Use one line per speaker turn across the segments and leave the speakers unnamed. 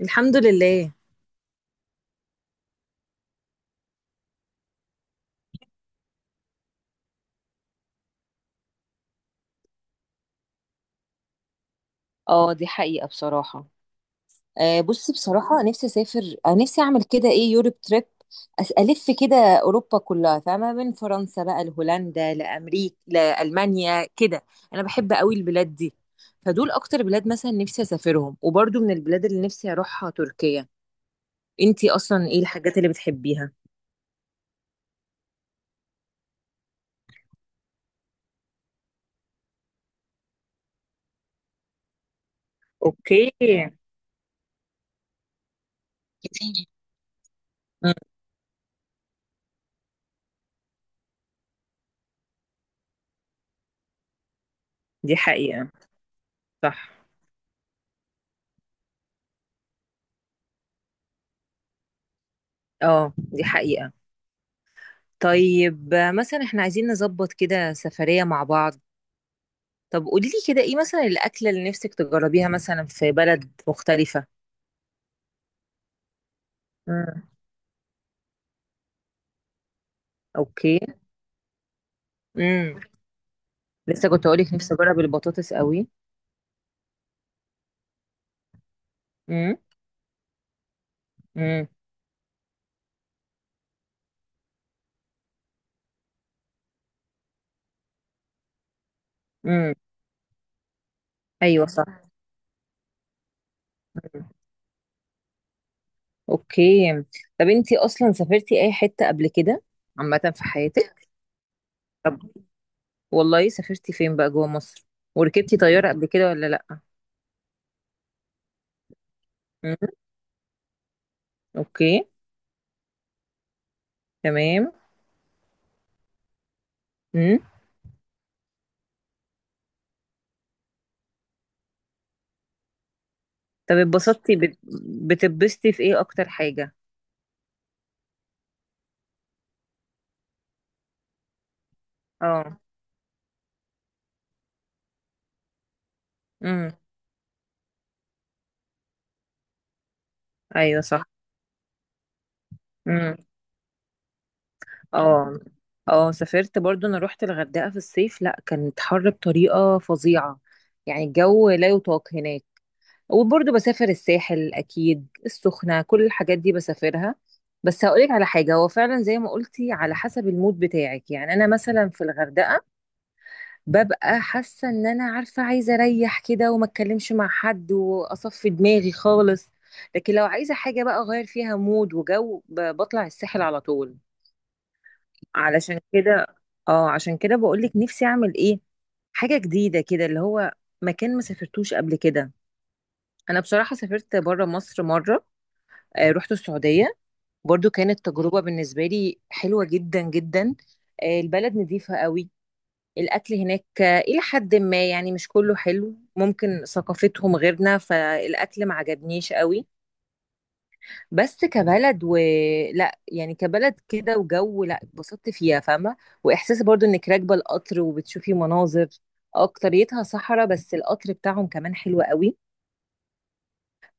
الحمد لله. اه دي حقيقة بصراحة. بصي بصراحة نفسي أسافر، نفسي أعمل كده إيه يوروب تريب. ألف كده أوروبا كلها، فاهمة؟ من فرنسا بقى لهولندا لأمريكا لألمانيا كده. أنا بحب قوي البلاد دي، فدول أكتر بلاد مثلا نفسي أسافرهم. وبرضو من البلاد اللي نفسي أروحها تركيا. أنتي أصلا إيه الحاجات اللي بتحبيها؟ اوكي. كتير. مم، دي حقيقة. صح. اه دي حقيقة. طيب، مثلا احنا عايزين نظبط كده سفرية مع بعض. طب قولي لي كده ايه مثلا الأكلة اللي نفسك تجربيها مثلا في بلد مختلفة؟ امم. اوكي. امم. لسه كنت اقولك نفسي اجرب البطاطس قوي. امم. امم. امم. ايوه صح. مم. اوكي. طب انتي اصلا سافرتي اي حتة قبل كده، عامة في حياتك؟ طب والله سافرتي فين بقى جوه مصر؟ وركبتي طيارة قبل كده ولا لا؟ امم. اوكي. تمام. مم. طب اتبسطتي بتتبسطي في ايه اكتر حاجة؟ اه. امم. ايوه صح. امم. اه. اه سافرت برضو، انا روحت الغردقة في الصيف، لا كانت حر بطريقة فظيعة، يعني الجو لا يطاق هناك. وبرضو بسافر الساحل اكيد، السخنة، كل الحاجات دي بسافرها. بس هقولك على حاجة، هو فعلا زي ما قلتي على حسب المود بتاعك. يعني انا مثلا في الغردقة ببقى حاسه ان انا عارفه عايزه اريح كده وما اتكلمش مع حد واصفي دماغي خالص. لكن لو عايزه حاجه بقى اغير فيها مود وجو، بطلع الساحل على طول. علشان كده، اه عشان كده بقولك نفسي اعمل ايه حاجه جديده كده، اللي هو مكان ما سافرتوش قبل كده. انا بصراحه سافرت بره مصر مره، رحت السعوديه. برضو كانت تجربه بالنسبه لي حلوه جدا جدا. البلد نظيفه قوي. الأكل هناك إلى حد ما، يعني مش كله حلو، ممكن ثقافتهم غيرنا فالأكل ما عجبنيش قوي. بس كبلد، و لا يعني كبلد كده وجو، لا اتبسطت فيها، فاهمة؟ وإحساس برضو إنك راكبة القطر وبتشوفي مناظر أكتريتها صحراء، بس القطر بتاعهم كمان حلو قوي،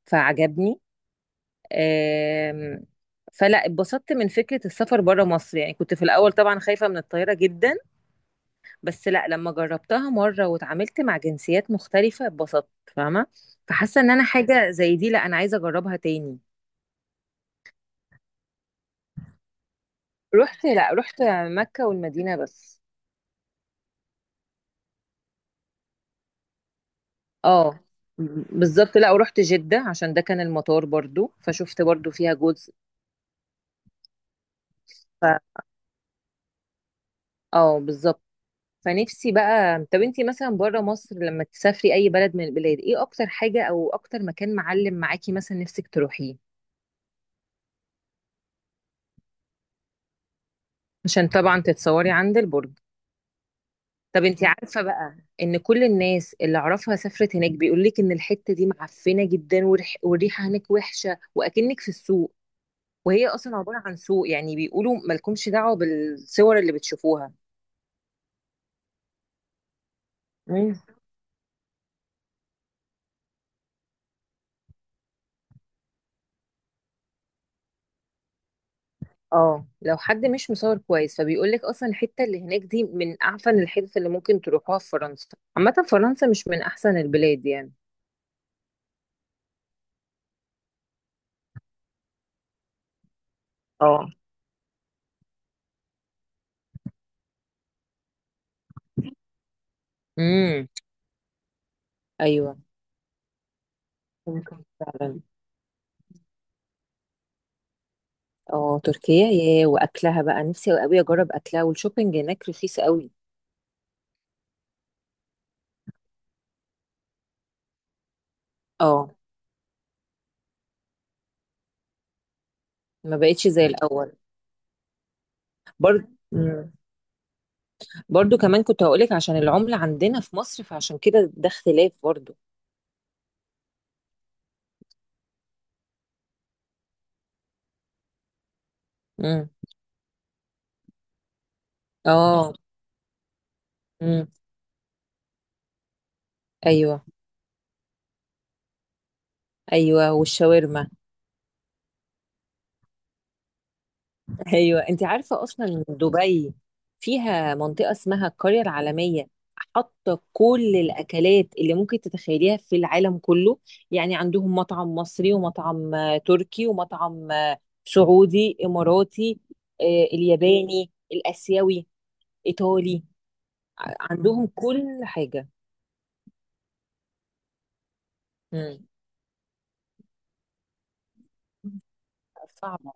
فعجبني. آم، فلا اتبسطت من فكرة السفر بره مصر. يعني كنت في الأول طبعا خايفة من الطيارة جدا، بس لا لما جربتها مرة واتعاملت مع جنسيات مختلفة اتبسطت، فاهمة؟ فحاسة ان انا حاجة زي دي لا انا عايزة اجربها تاني. رحت، لا رحت مكة والمدينة بس. اه بالظبط، لا ورحت جدة عشان ده كان المطار، برضو فشفت برضو فيها جزء. ف اه بالظبط. فنفسي بقى، طب انتي مثلا بره مصر لما تسافري اي بلد من البلاد، ايه اكتر حاجة او اكتر مكان معلم معاكي مثلا نفسك تروحيه؟ عشان طبعا تتصوري عند البرج. طب انت عارفة بقى ان كل الناس اللي اعرفها سافرت هناك بيقول لك ان الحتة دي معفنة جدا، والريحة هناك وحشة واكنك في السوق، وهي اصلا عبارة عن سوق. يعني بيقولوا مالكمش دعوة بالصور اللي بتشوفوها. مم. اه لو حد مش مصور كويس فبيقول لك اصلا الحتة اللي هناك دي من اعفن الحتت اللي ممكن تروحوها في فرنسا. عامة فرنسا مش من احسن البلاد يعني. اه. امم. ايوه ممكن فعلا. اه تركيا ياه، واكلها بقى نفسي قوي اجرب اكلها، والشوبينج هناك رخيص قوي. اه ما بقتش زي الاول. برضه مم. برضو كمان كنت هقولك عشان العملة عندنا في مصر، فعشان كده ده اختلاف برضو. امم. اه. امم. ايوه ايوه. والشاورما. ايوه انت عارفه اصلا دبي فيها منطقه اسمها القريه العالميه، حاطه كل الاكلات اللي ممكن تتخيليها في العالم كله. يعني عندهم مطعم مصري، ومطعم تركي، ومطعم، سعودي اماراتي، الياباني الاسيوي، ايطالي. عندهم كل حاجه. امم. صعبه.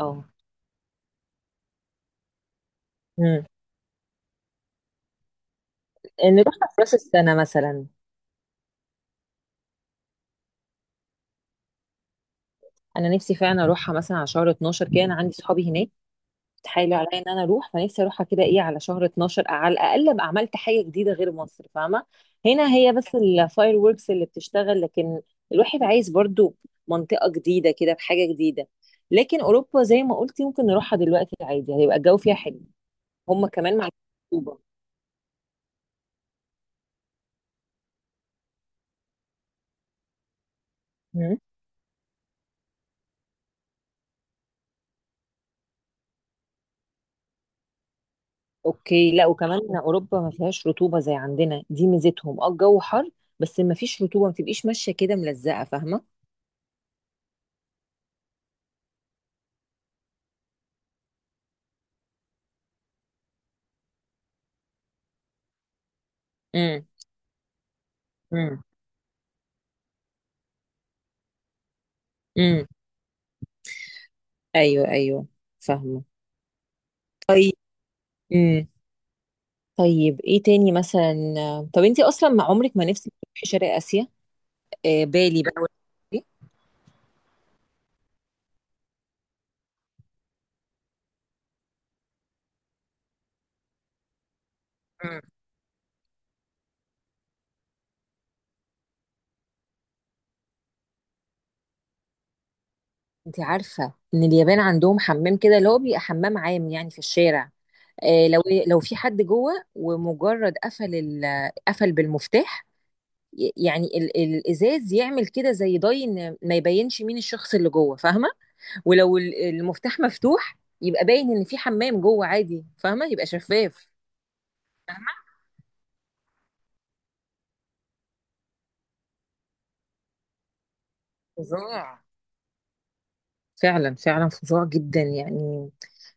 اه. امم. نروحها في راس السنه مثلا. انا نفسي فعلا اروحها مثلا على شهر 12 كده، انا عندي صحابي هناك تحايلوا عليا ان انا اروح، فنفسي اروحها كده ايه على شهر 12، على الاقل ابقى عملت حاجه جديده غير مصر، فاهمه؟ هنا هي بس الفاير ووركس اللي بتشتغل، لكن الواحد عايز برضو منطقه جديده كده بحاجه جديده. لكن اوروبا زي ما قلتي ممكن نروحها دلوقتي عادي، هيبقى الجو فيها حلو. هم كمان مع الرطوبه. مم. اوكي، لا وكمان اوروبا ما فيهاش رطوبه زي عندنا، دي ميزتهم. اه الجو حر بس ما فيش رطوبه، ما تبقيش ماشيه كده ملزقه، فاهمه؟ امم. مم. امم. ايوه ايوه فاهمه. طيب. امم. طيب ايه تاني مثلا؟ طب انت اصلا ما عمرك ما نفسك تروحي شرق اسيا، آه بالي بقى والحاجات دي؟ مم. انت عارفه ان اليابان عندهم حمام كده اللي هو بيبقى حمام عام يعني في الشارع؟ لو، لو في حد جوه ومجرد قفل قفل بالمفتاح، يعني الازاز يعمل كده زي ضي ان ما يبينش مين الشخص اللي جوه، فاهمه؟ ولو المفتاح مفتوح يبقى باين ان في حمام جوه عادي، فاهمه؟ يبقى شفاف. فاهمه؟ فظاع. فعلا فعلا فظاع جدا يعني.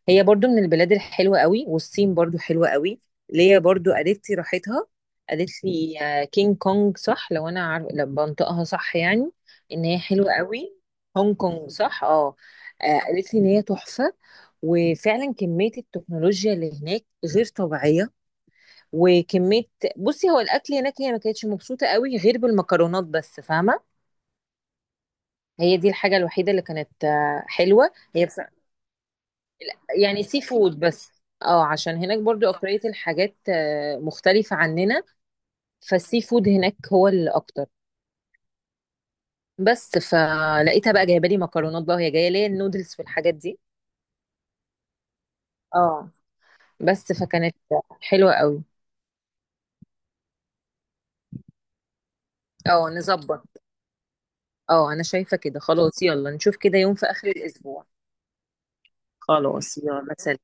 هي برضو من البلاد الحلوة قوي، والصين برضو حلوة قوي. ليا برضو قالت لي راحتها، قالت لي كينج كونج، صح لو انا عارف لو بنطقها صح يعني، ان هي حلوة قوي. هونج كونج صح اه. قالت لي ان هي تحفة، وفعلا كمية التكنولوجيا اللي هناك غير طبيعية. وكمية، بصي هو الأكل هناك هي ما كانتش مبسوطة قوي غير بالمكرونات بس، فاهمة؟ هي دي الحاجة الوحيدة اللي كانت حلوة هي بس. يعني سي فود بس، اه عشان هناك برضو أكترية الحاجات مختلفة عننا، فالسي فود هناك هو الأكتر. بس فلقيتها بقى جايبة لي مكرونات بقى، وهي جاية ليا النودلز والحاجات دي. اه بس فكانت حلوة قوي. اه نظبط. اه أنا شايفة كده، خلاص يلا نشوف كده يوم في آخر الأسبوع. خلاص يلا سلام.